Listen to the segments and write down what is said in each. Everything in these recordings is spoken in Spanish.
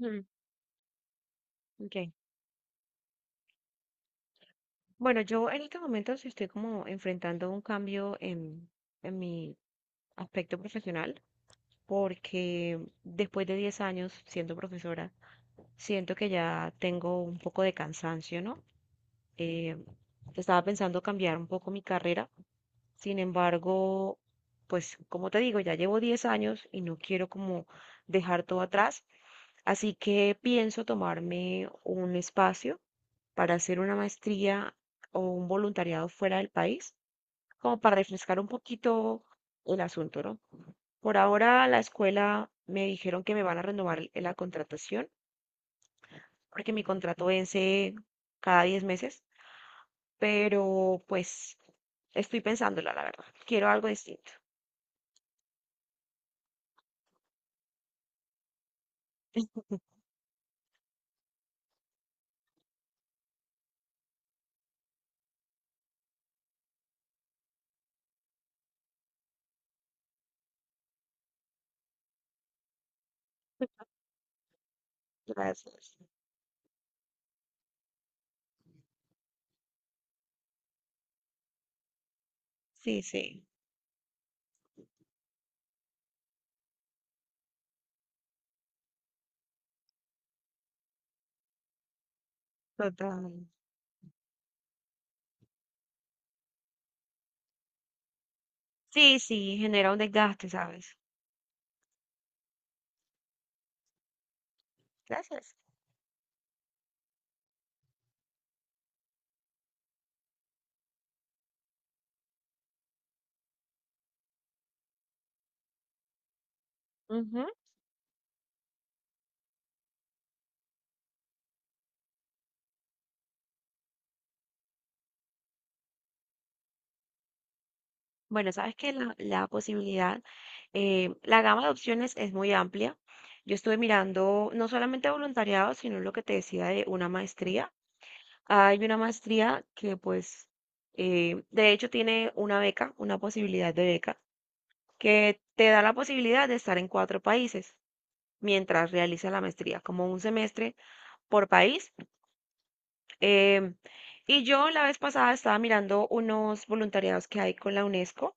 Mm. Okay. Bueno, yo en este momento sí estoy como enfrentando un cambio en mi aspecto profesional, porque después de 10 años siendo profesora, siento que ya tengo un poco de cansancio, ¿no? Eh, Estaba pensando cambiar un poco mi carrera. Sin embargo, pues como te digo, ya llevo 10 años y no quiero como dejar todo atrás, así que pienso tomarme un espacio para hacer una maestría o un voluntariado fuera del país, como para refrescar un poquito el asunto, ¿no? Por ahora la escuela me dijeron que me van a renovar la contratación, porque mi contrato vence cada 10 meses, pero pues estoy pensándola, la verdad. Quiero algo distinto. Gracias. Sí, sí, total. Sí, sí, genera un desgaste, ¿sabes? Gracias. Ujú. Bueno, sabes que la posibilidad, la gama de opciones es muy amplia. Yo estuve mirando no solamente voluntariado, sino lo que te decía de una maestría. Hay una maestría que pues, de hecho tiene una beca, una posibilidad de beca, que te da la posibilidad de estar en cuatro países mientras realizas la maestría, como un semestre por país. Em, y yo la vez pasada estaba mirando unos voluntariados que hay con la UNESCO,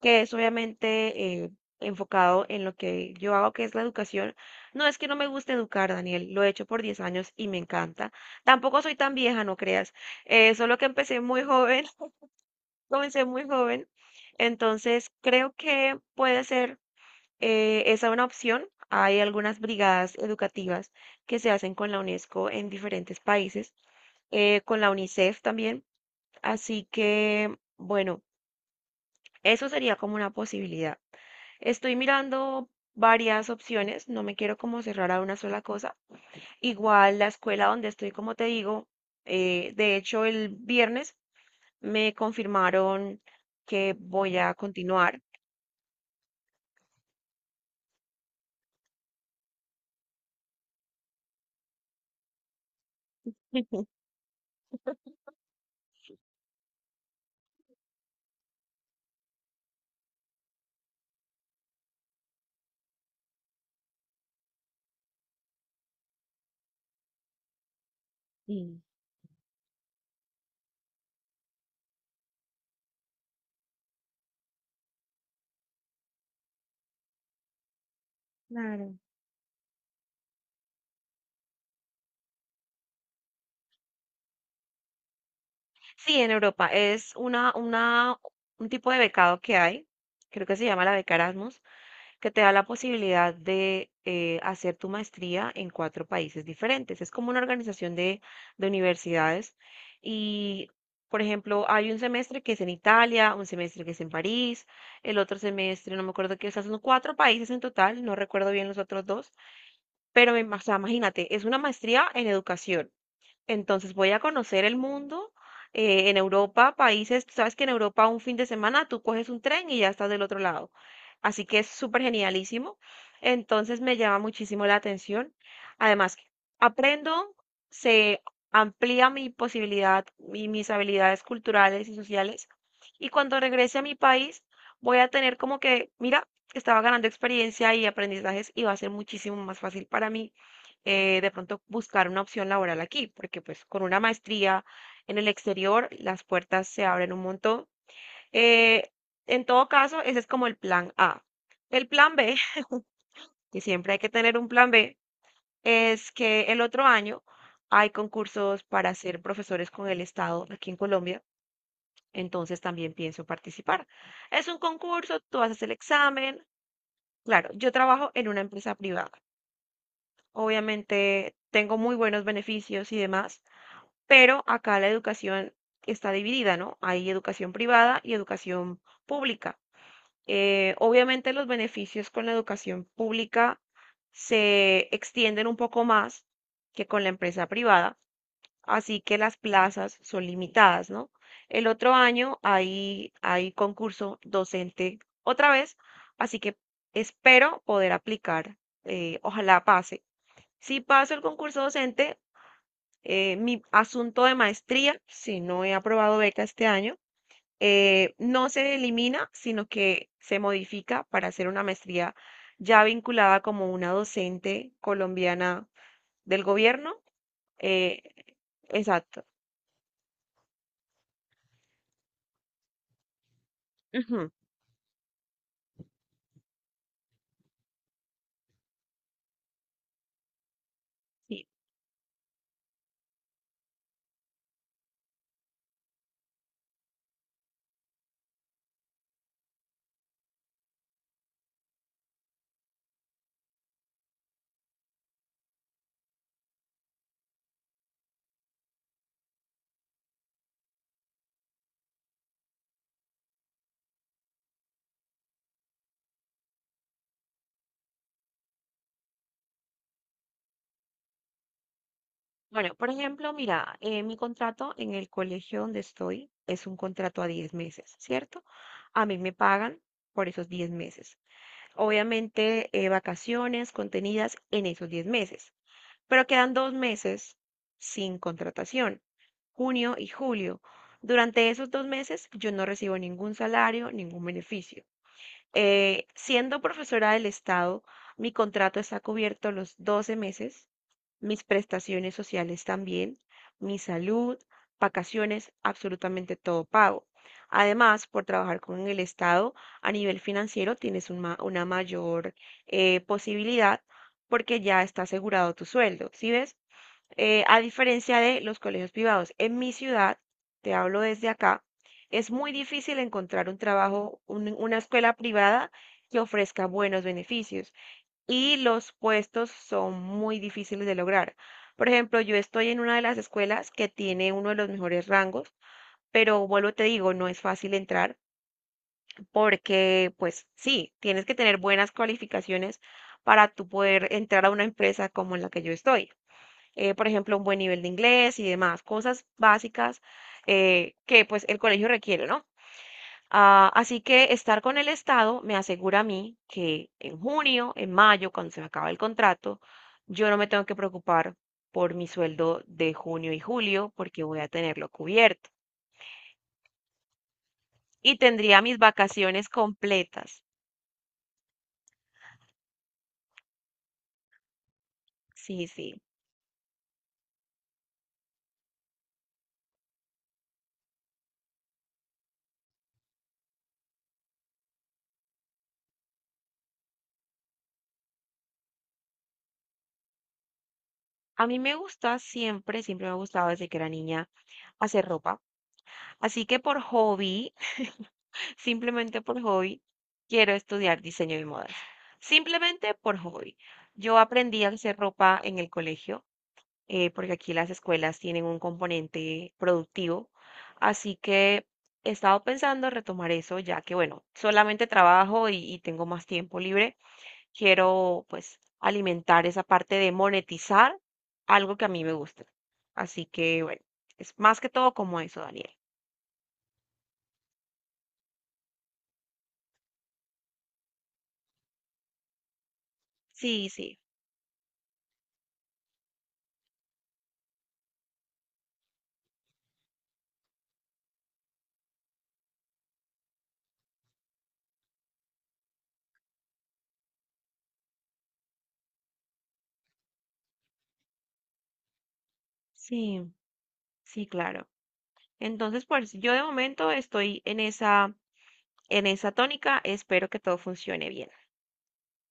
que es obviamente, enfocado en lo que yo hago, que es la educación. No es que no me guste educar, Daniel, lo he hecho por 10 años y me encanta. Tampoco soy tan vieja, no creas, solo que empecé muy joven, comencé muy joven. Entonces, creo que puede ser, esa una opción. Hay algunas brigadas educativas que se hacen con la UNESCO en diferentes países, con la UNICEF también. Así que, bueno, eso sería como una posibilidad. Estoy mirando varias opciones, no me quiero como cerrar a una sola cosa. Igual la escuela donde estoy, como te digo, de hecho el viernes me confirmaron que voy a continuar. Sí, claro. Sí, en Europa es un tipo de becado que hay, creo que se llama la beca Erasmus, que te da la posibilidad de, hacer tu maestría en cuatro países diferentes. Es como una organización de universidades y, por ejemplo, hay un semestre que es en Italia, un semestre que es en París, el otro semestre, no me acuerdo qué, o sea, son cuatro países en total, no recuerdo bien los otros dos, pero o sea, imagínate, es una maestría en educación. Entonces voy a conocer el mundo. En Europa, países, tú sabes que en Europa un fin de semana tú coges un tren y ya estás del otro lado. Así que es súper genialísimo. Entonces me llama muchísimo la atención. Además, aprendo, se amplía mi posibilidad y mis habilidades culturales y sociales. Y cuando regrese a mi país, voy a tener como que, mira, estaba ganando experiencia y aprendizajes y va a ser muchísimo más fácil para mí, de pronto buscar una opción laboral aquí, porque pues con una maestría en el exterior las puertas se abren un montón. Eh, en todo caso, ese es como el plan A. El plan B, que siempre hay que tener un plan B, es que el otro año hay concursos para ser profesores con el Estado aquí en Colombia, entonces también pienso participar. Es un concurso, tú haces el examen. Claro, yo trabajo en una empresa privada. Obviamente tengo muy buenos beneficios y demás. Pero acá la educación está dividida, ¿no? Hay educación privada y educación pública. Obviamente los beneficios con la educación pública se extienden un poco más que con la empresa privada, así que las plazas son limitadas, ¿no? El otro año hay concurso docente otra vez, así que espero poder aplicar, ojalá pase. Si paso el concurso docente, mi asunto de maestría, si no he aprobado beca este año, no se elimina, sino que se modifica para hacer una maestría ya vinculada como una docente colombiana del gobierno. eh, exacto. Ujú, sí. Bueno, por ejemplo, mira, mi contrato en el colegio donde estoy es un contrato a 10 meses, ¿cierto? A mí me pagan por esos 10 meses. Obviamente, vacaciones contenidas en esos 10 meses. Pero quedan 2 meses sin contratación, junio y julio. Durante esos 2 meses yo no recibo ningún salario, ningún beneficio. Siendo profesora del Estado, mi contrato está cubierto los 12 meses, mis prestaciones sociales también, mi salud, vacaciones, absolutamente todo pago. Además, por trabajar con el Estado a nivel financiero, tienes un una mayor, posibilidad porque ya está asegurado tu sueldo, ¿sí ves? A diferencia de los colegios privados. En mi ciudad, te hablo desde acá, es muy difícil encontrar un trabajo, una escuela privada que ofrezca buenos beneficios y los puestos son muy difíciles de lograr. Por ejemplo, yo estoy en una de las escuelas que tiene uno de los mejores rangos, pero vuelvo, te digo, no es fácil entrar porque, pues sí, tienes que tener buenas cualificaciones para tú poder entrar a una empresa como en la que yo estoy, por ejemplo, un buen nivel de inglés y demás, cosas básicas, que pues el colegio requiere, ¿no? Ah, así que estar con el Estado me asegura a mí que en junio, en mayo, cuando se me acaba el contrato, yo no me tengo que preocupar por mi sueldo de junio y julio porque voy a tenerlo cubierto y tendría mis vacaciones completas. Sí, sí. A mí me gusta siempre, siempre me ha gustado desde que era niña hacer ropa. Así que por hobby, simplemente por hobby, quiero estudiar diseño y modas. Simplemente por hobby. Yo aprendí a hacer ropa en el colegio, porque aquí las escuelas tienen un componente productivo. Así que he estado pensando retomar eso, ya que, bueno, solamente trabajo y tengo más tiempo libre. Quiero, pues, alimentar esa parte de monetizar algo que a mí me gusta. Así que, bueno, es más que todo como eso, Daniel. Sí, sí, sí, sí, claro. Entonces, pues yo de momento estoy en esa, tónica, espero que todo funcione bien.